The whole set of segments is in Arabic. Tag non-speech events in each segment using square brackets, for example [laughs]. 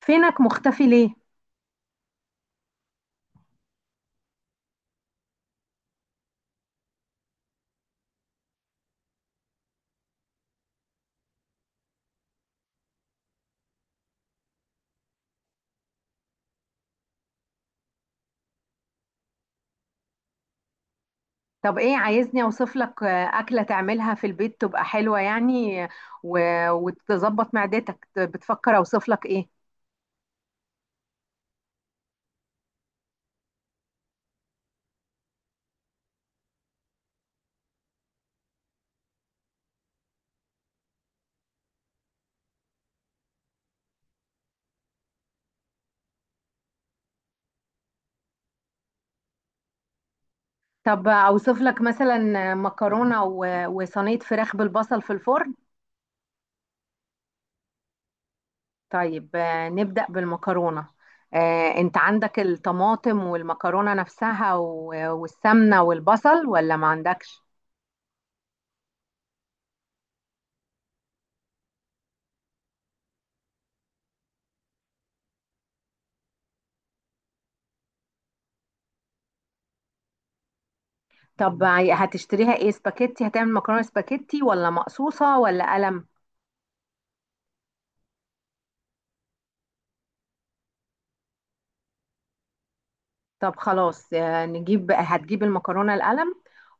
فينك مختفي ليه؟ طب ايه عايزني اوصف لك اكله تعملها في البيت تبقى حلوه يعني و... وتظبط معدتك بتفكر اوصف لك ايه؟ طب اوصف لك مثلا مكرونه وصينيه فراخ بالبصل في الفرن؟ طيب نبدا بالمكرونه. انت عندك الطماطم والمكرونه نفسها والسمنه والبصل ولا ما عندكش؟ طب هتشتريها ايه، سباكيتي؟ هتعمل مكرونه سباكيتي ولا مقصوصه ولا قلم؟ طب خلاص، هتجيب المكرونة القلم.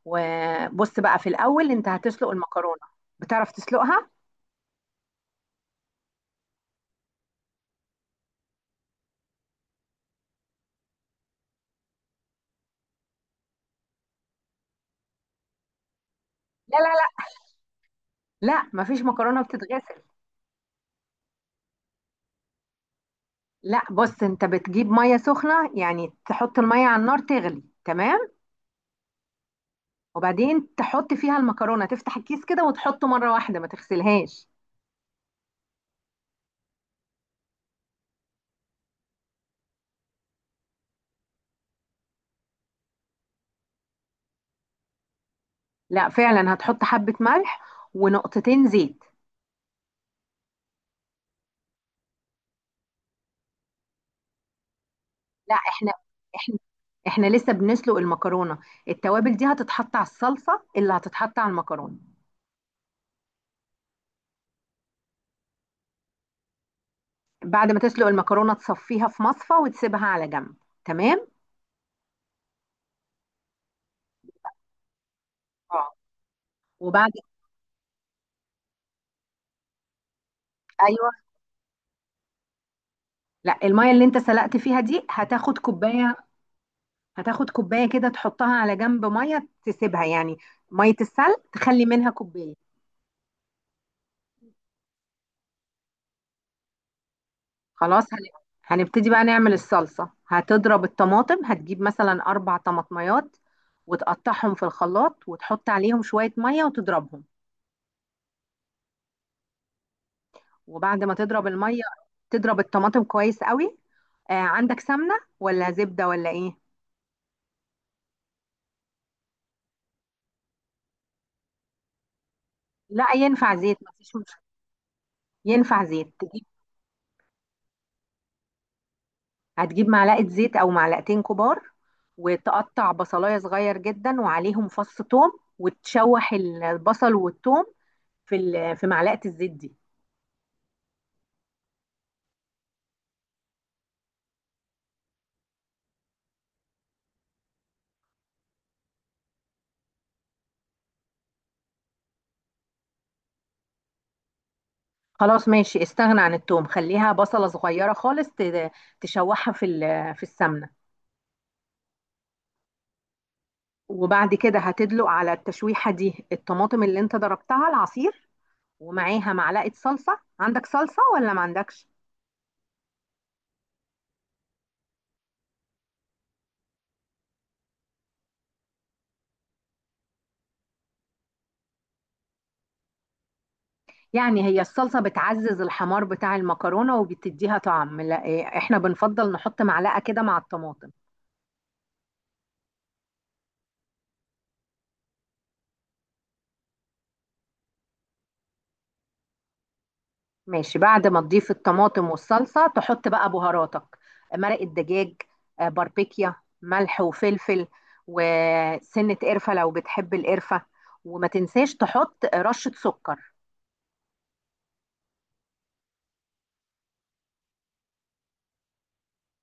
وبص بقى، في الأول أنت هتسلق المكرونة. بتعرف تسلقها؟ لا، لا، لا، لا، مفيش مكرونة بتتغسل. لا، بص، أنت بتجيب مية سخنة، يعني تحط المية على النار تغلي تمام، وبعدين تحط فيها المكرونة، تفتح الكيس كده وتحطه مرة واحدة، ما تغسلهاش. لا، فعلا هتحط حبة ملح ونقطتين زيت. لا، احنا احنا لسه بنسلق المكرونة. التوابل دي هتتحط على الصلصة اللي هتتحط على المكرونة. بعد ما تسلق المكرونه تصفيها في مصفى وتسيبها على جنب. تمام. اه، وبعد ايوه. لا، الميه اللي انت سلقت فيها دي هتاخد كوبايه. هتاخد كوبايه كده تحطها على جنب، ميه تسيبها يعني، ميه السلق تخلي منها كوبايه. خلاص. هنبتدي بقى نعمل الصلصه. هتضرب الطماطم، هتجيب مثلا اربع طماطميات وتقطعهم في الخلاط وتحط عليهم شويه ميه وتضربهم. وبعد ما تضرب الميه تضرب الطماطم كويس قوي. عندك سمنه ولا زبده ولا ايه؟ لا، ينفع زيت، مفيش مشكله. ينفع زيت، هتجيب معلقه زيت او معلقتين كبار، وتقطع بصلايه صغير جدا وعليهم فص ثوم، وتشوح البصل والثوم في معلقه الزيت دي. خلاص ماشي، استغنى عن الثوم، خليها بصله صغيره خالص، تشوحها في السمنه. وبعد كده هتدلق على التشويحه دي الطماطم اللي انت ضربتها العصير، ومعاها معلقة صلصة. عندك صلصة ولا ما عندكش؟ يعني هي الصلصة بتعزز الحمار بتاع المكرونة وبتديها طعم، لا إيه، احنا بنفضل نحط معلقة كده مع الطماطم. ماشي، بعد ما تضيف الطماطم والصلصة تحط بقى بهاراتك، مرق الدجاج، باربيكيا، ملح وفلفل، وسنة قرفة لو بتحب القرفة، وما تنساش تحط رشة سكر.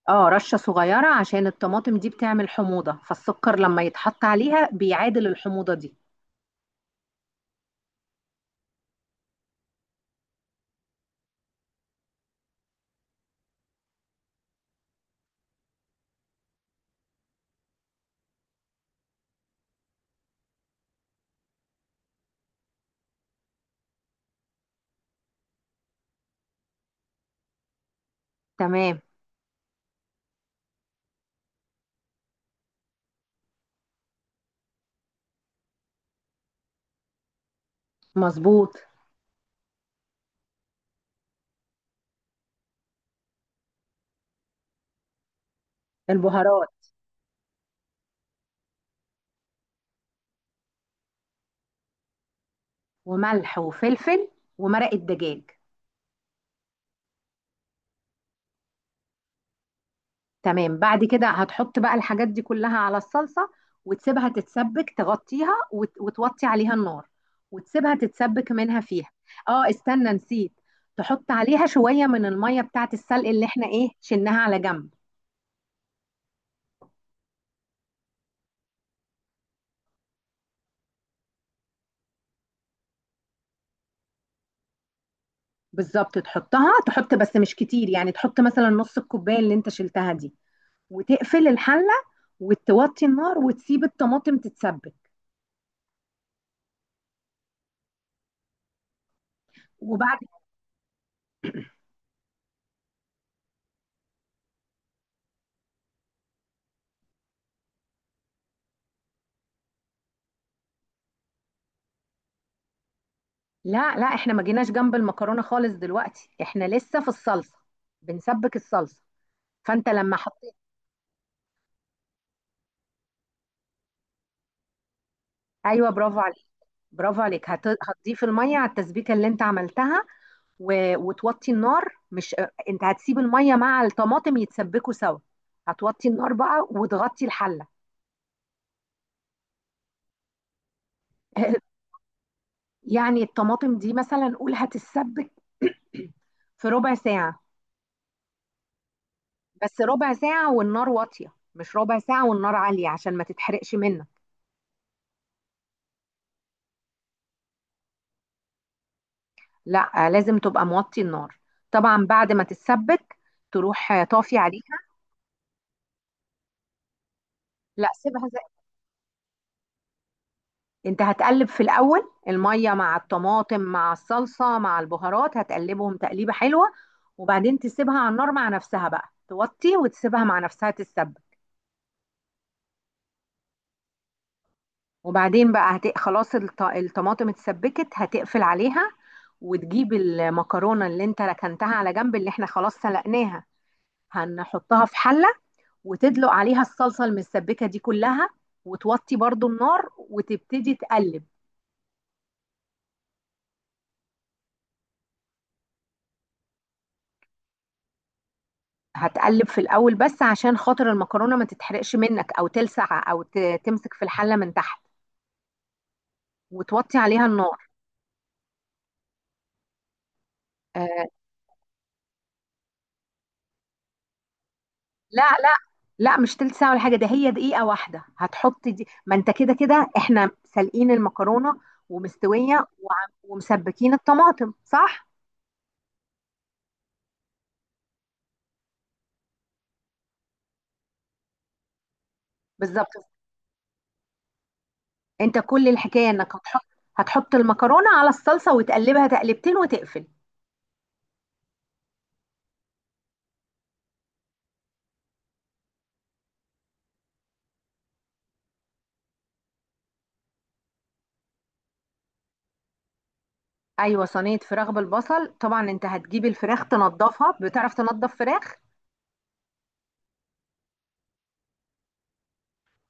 اه، رشة صغيرة عشان الطماطم دي بتعمل حموضة، فالسكر لما يتحط عليها بيعادل الحموضة دي. تمام، مظبوط. البهارات وملح وفلفل ومرق الدجاج، تمام. بعد كده هتحط بقى الحاجات دي كلها على الصلصة، وتسيبها تتسبك، تغطيها وتوطي عليها النار وتسيبها تتسبك منها فيها. اه، استنى نسيت، تحط عليها شوية من المية بتاعت السلق اللي احنا ايه شلناها على جنب. بالظبط، تحط بس مش كتير، يعني تحط مثلا نص الكوباية اللي انت شلتها دي، وتقفل الحلة وتوطي النار وتسيب الطماطم تتسبك. وبعد لا، لا، احنا ما جيناش جنب المكرونه خالص دلوقتي، احنا لسه في الصلصه، بنسبك الصلصه. فانت لما حطيت. ايوه، برافو عليك. برافو عليك، هتضيف الميه على التسبيكه اللي انت عملتها وتوطي النار. مش انت هتسيب الميه مع الطماطم يتسبكوا سوا، هتوطي النار بقى وتغطي الحله. [laughs] يعني الطماطم دي مثلا قول هتتسبك في ربع ساعه، بس ربع ساعه والنار واطيه، مش ربع ساعه والنار عاليه عشان ما تتحرقش منك. لا، لازم تبقى موطي النار. طبعا بعد ما تتسبك تروح طافي عليها. لا سيبها زي. انت هتقلب في الاول الميه مع الطماطم مع الصلصه مع البهارات، هتقلبهم تقليبه حلوه، وبعدين تسيبها على النار مع نفسها بقى، توطي وتسيبها مع نفسها تتسبك. وبعدين بقى خلاص الطماطم اتسبكت، هتقفل عليها وتجيب المكرونه اللي انت ركنتها على جنب، اللي احنا خلاص سلقناها، هنحطها في حله وتدلق عليها الصلصة المسبكة دي كلها، وتوطي برضو النار وتبتدي تقلب. هتقلب في الأول بس عشان خاطر المكرونة ما تتحرقش منك، أو تلسع أو تمسك في الحلة من تحت، وتوطي عليها النار. آه. لا، لا، لا، مش تلت ساعة ولا حاجة، ده هي دقيقة واحدة. هتحط دي، ما انت كده كده احنا سالقين المكرونة ومستوية، ومسبكين الطماطم، صح؟ بالظبط. انت كل الحكاية انك هتحط المكرونة على الصلصة وتقلبها تقلبتين وتقفل. ايوه، صينيه فراخ بالبصل. طبعا انت هتجيب الفراخ تنضفها. بتعرف تنضف فراخ؟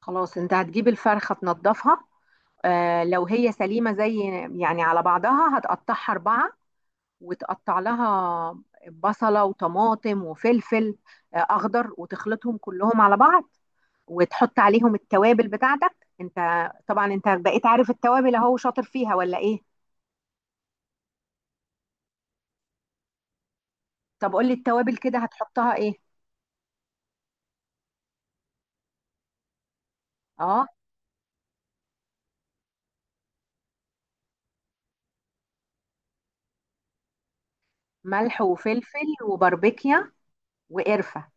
خلاص، انت هتجيب الفرخه تنضفها، لو هي سليمه زي، يعني على بعضها، هتقطعها اربعه، وتقطع لها بصله وطماطم وفلفل اخضر، وتخلطهم كلهم على بعض وتحط عليهم التوابل بتاعتك انت. طبعا انت بقيت عارف التوابل، اهو شاطر فيها ولا ايه؟ طب قولي التوابل كده هتحطها ايه؟ اه، ملح وفلفل وباربيكيا وقرفه.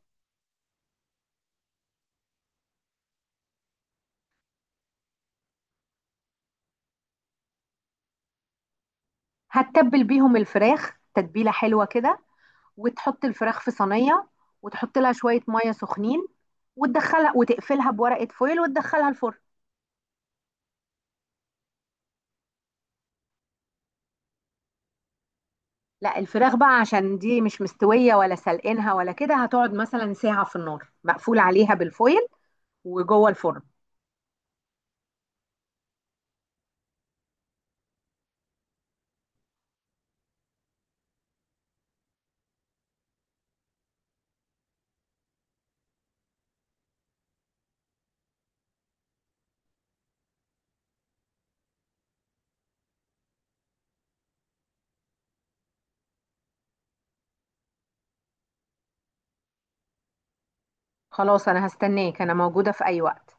هتتبل بيهم الفراخ تتبيلة حلوة كده، وتحط الفراخ في صينية وتحط لها شوية مية سخنين وتدخلها وتقفلها بورقة فويل وتدخلها الفرن. لا، الفراخ بقى عشان دي مش مستوية ولا سلقينها ولا كده، هتقعد مثلا ساعة في النار مقفول عليها بالفويل وجوه الفرن. خلاص، انا هستناك، انا موجودة في اي وقت.